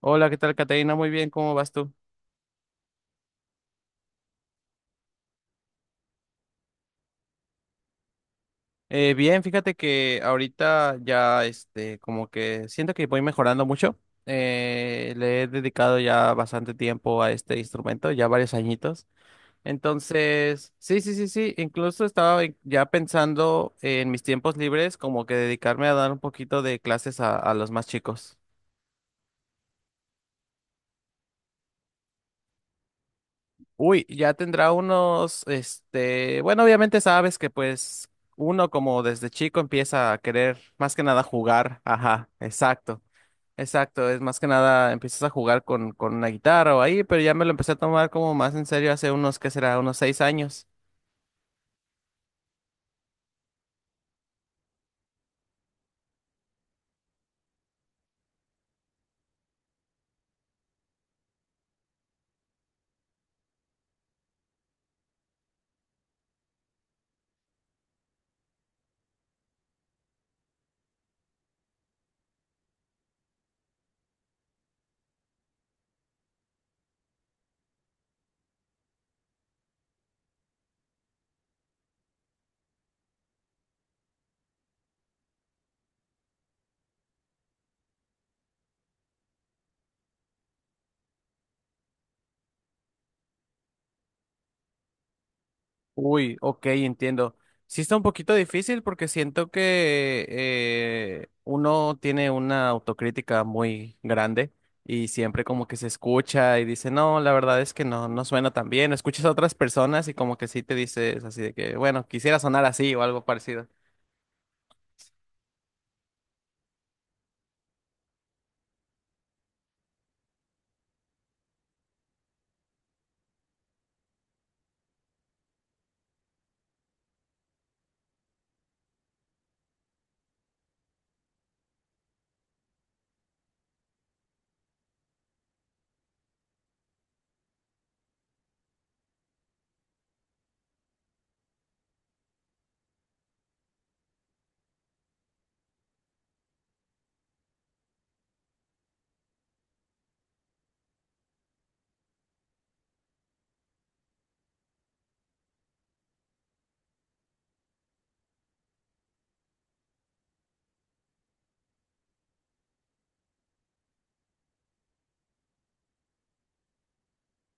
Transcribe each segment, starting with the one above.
Hola, ¿qué tal, Caterina? Muy bien, ¿cómo vas tú? Bien, fíjate que ahorita ya, este, como que siento que voy mejorando mucho. Le he dedicado ya bastante tiempo a este instrumento, ya varios añitos. Entonces, sí, sí, sí, sí, incluso ya pensando en mis tiempos libres como que dedicarme a dar un poquito de clases a los más chicos. Uy, ya tendrá unos, este, bueno, obviamente sabes que pues uno como desde chico empieza a querer más que nada jugar, ajá, exacto, exacto, es más que nada empiezas a jugar con una guitarra o ahí, pero ya me lo empecé a tomar como más en serio hace unos, ¿qué será? Unos 6 años. Uy, ok, entiendo. Sí está un poquito difícil porque siento que uno tiene una autocrítica muy grande y siempre como que se escucha y dice, no, la verdad es que no, no suena tan bien. Escuchas a otras personas y como que sí te dices así de que, bueno, quisiera sonar así o algo parecido.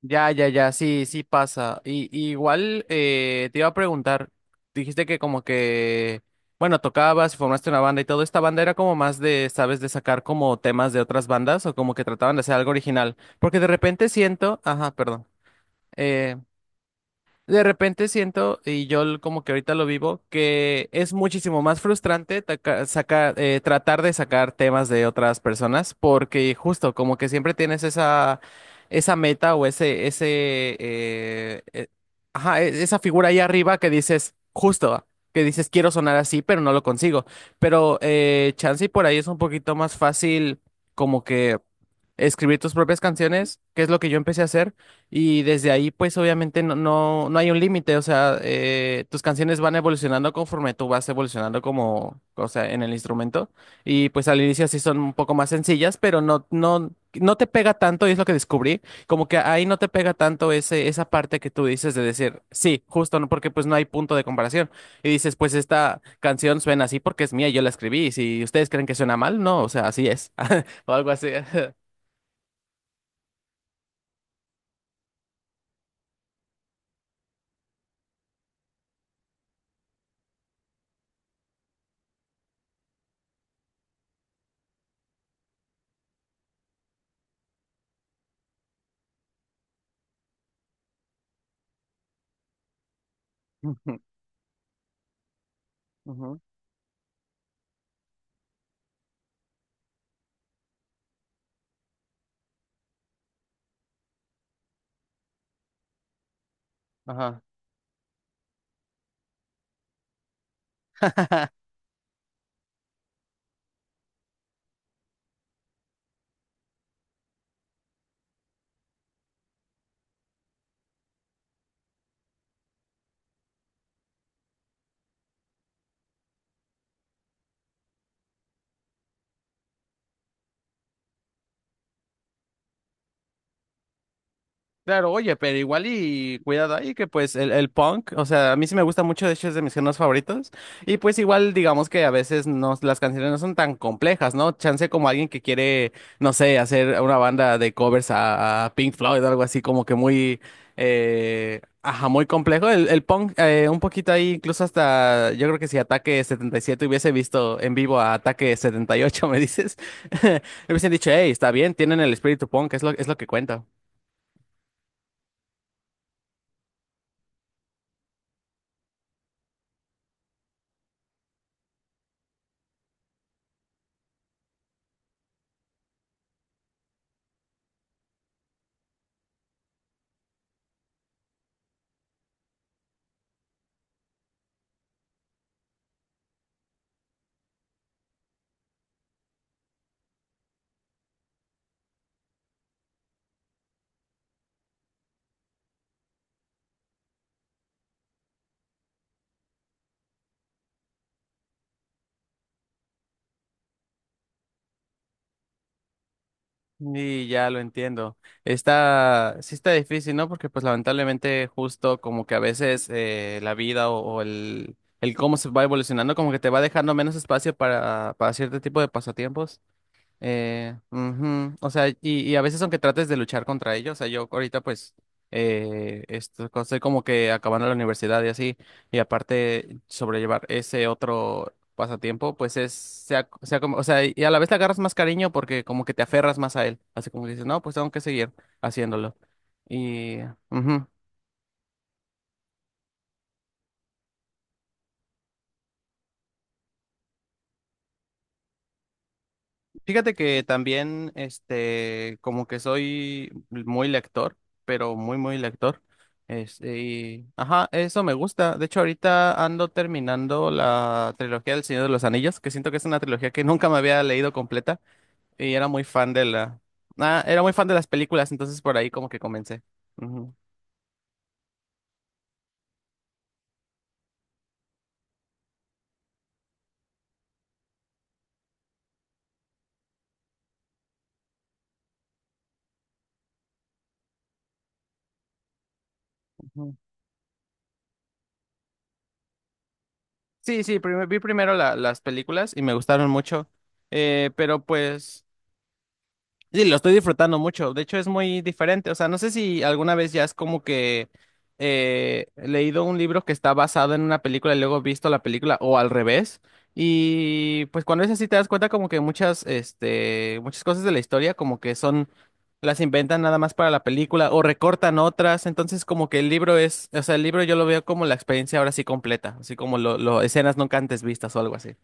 Ya, ya, ya, sí, sí pasa. Y igual te iba a preguntar, dijiste que como que, bueno, tocabas y formaste una banda y todo, ¿esta banda era como más de, sabes, de sacar como temas de otras bandas o como que trataban de hacer algo original? Porque de repente siento, ajá, perdón. eh, de repente siento, y como que ahorita lo vivo, que es muchísimo más frustrante tratar de sacar temas de otras personas, porque justo como que siempre tienes esa, esa meta o eh, eh, ajá, esa figura ahí arriba que dices, justo, que dices quiero sonar así, pero no lo consigo. Pero chance y por ahí es un poquito más fácil como que escribir tus propias canciones, que es lo que yo empecé a hacer. Y desde ahí, pues obviamente no, no, no hay un límite, o sea, tus canciones van evolucionando conforme tú vas evolucionando como, o sea, en el instrumento. Y pues al inicio sí son un poco más sencillas, pero no, no, no te pega tanto, y es lo que descubrí, como que ahí no te pega tanto ese, esa parte que tú dices de decir, sí, justo, ¿no? Porque pues no hay punto de comparación. Y dices, pues esta canción suena así porque es mía, yo la escribí, y si ustedes creen que suena mal, no, o sea, así es, o algo así. Ujú, ujú. Ajá. Claro, oye, pero igual y cuidado ahí, que pues el punk, o sea, a mí sí me gusta mucho, de hecho es de mis géneros favoritos, y pues igual digamos que a veces no, las canciones no son tan complejas, ¿no? Chance como alguien que quiere, no sé, hacer una banda de covers a Pink Floyd o algo así como que muy, ajá, muy complejo, el punk un poquito ahí, incluso hasta, yo creo que si Ataque 77 hubiese visto en vivo a Ataque 78, me dices, me hubiesen dicho, hey, está bien, tienen el espíritu punk, es lo que cuenta. Y ya lo entiendo. Está, sí está difícil, ¿no? Porque pues lamentablemente justo como que a veces la vida o el cómo se va evolucionando como que te va dejando menos espacio para cierto tipo de pasatiempos. Ujú. O sea, y a veces aunque trates de luchar contra ellos, o sea, yo ahorita pues estoy como que acabando la universidad y así, y aparte sobrellevar ese otro pasatiempo, pues es, sea, sea como, o sea, y a la vez te agarras más cariño porque como que te aferras más a él, así como que dices, no, pues tengo que seguir haciéndolo. Y, ujú. Fíjate que también, este, como que soy muy lector, pero muy, muy lector. Este, ajá, eso me gusta. De hecho, ahorita ando terminando la trilogía del Señor de los Anillos, que siento que es una trilogía que nunca me había leído completa y era muy fan de la... Ah, era muy fan de las películas, entonces por ahí como que comencé. Ujú, ujú. Sí, sí, vi primero las películas y me gustaron mucho, pero pues... Sí, lo estoy disfrutando mucho. De hecho, es muy diferente. O sea, no sé si alguna vez ya es como que he leído un libro que está basado en una película y luego he visto la película o al revés. Y pues cuando es así te das cuenta como que muchas, este, muchas cosas de la historia como que son, las inventan nada más para la película o recortan otras. Entonces como que el libro es, o sea, el libro yo lo veo como la experiencia ahora sí completa, así como lo escenas nunca antes vistas o algo así.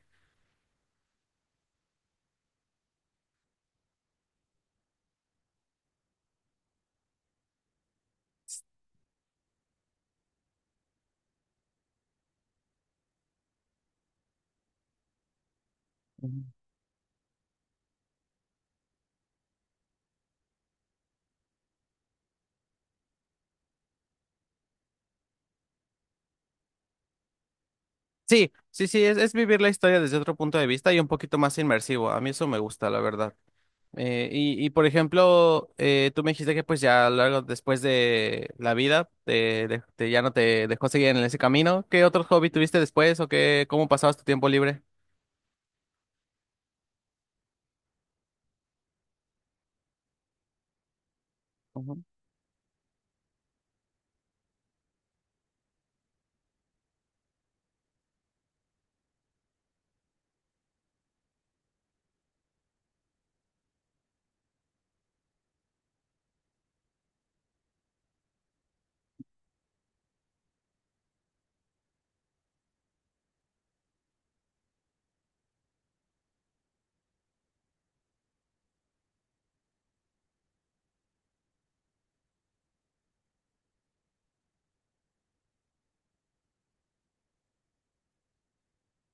Sí, sí, sí, es vivir la historia desde otro punto de vista y un poquito más inmersivo. A mí eso me gusta, la verdad. Y, y por ejemplo, tú me dijiste que pues ya luego después de la vida te, ya no te dejó seguir en ese camino. ¿Qué otro hobby tuviste después o qué, cómo pasabas tu tiempo libre? Ujú,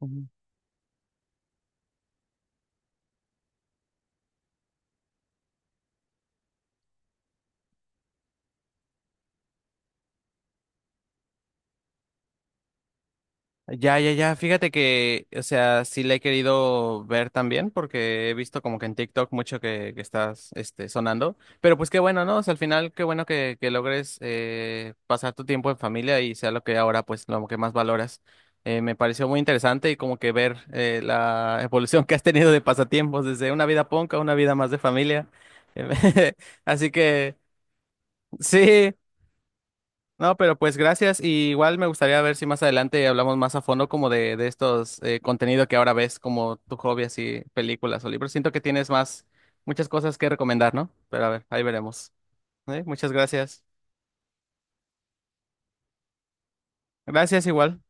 ujú. Ya, ya, ya. Fíjate que, o sea, sí la he querido ver también porque he visto como que en TikTok mucho que estás, este, sonando. Pero pues qué bueno, ¿no? O sea, al final qué bueno que logres pasar tu tiempo en familia y sea lo que ahora, pues, lo que más valoras. Me pareció muy interesante y como que ver la evolución que has tenido de pasatiempos desde una vida punk a una vida más de familia. Así que, sí. No, pero pues gracias. Y igual me gustaría ver si más adelante hablamos más a fondo como de estos contenido que ahora ves, como tu hobby, así, películas o libros. Siento que tienes más, muchas cosas que recomendar, ¿no? Pero a ver, ahí veremos. ¿Eh? Muchas gracias. Gracias igual.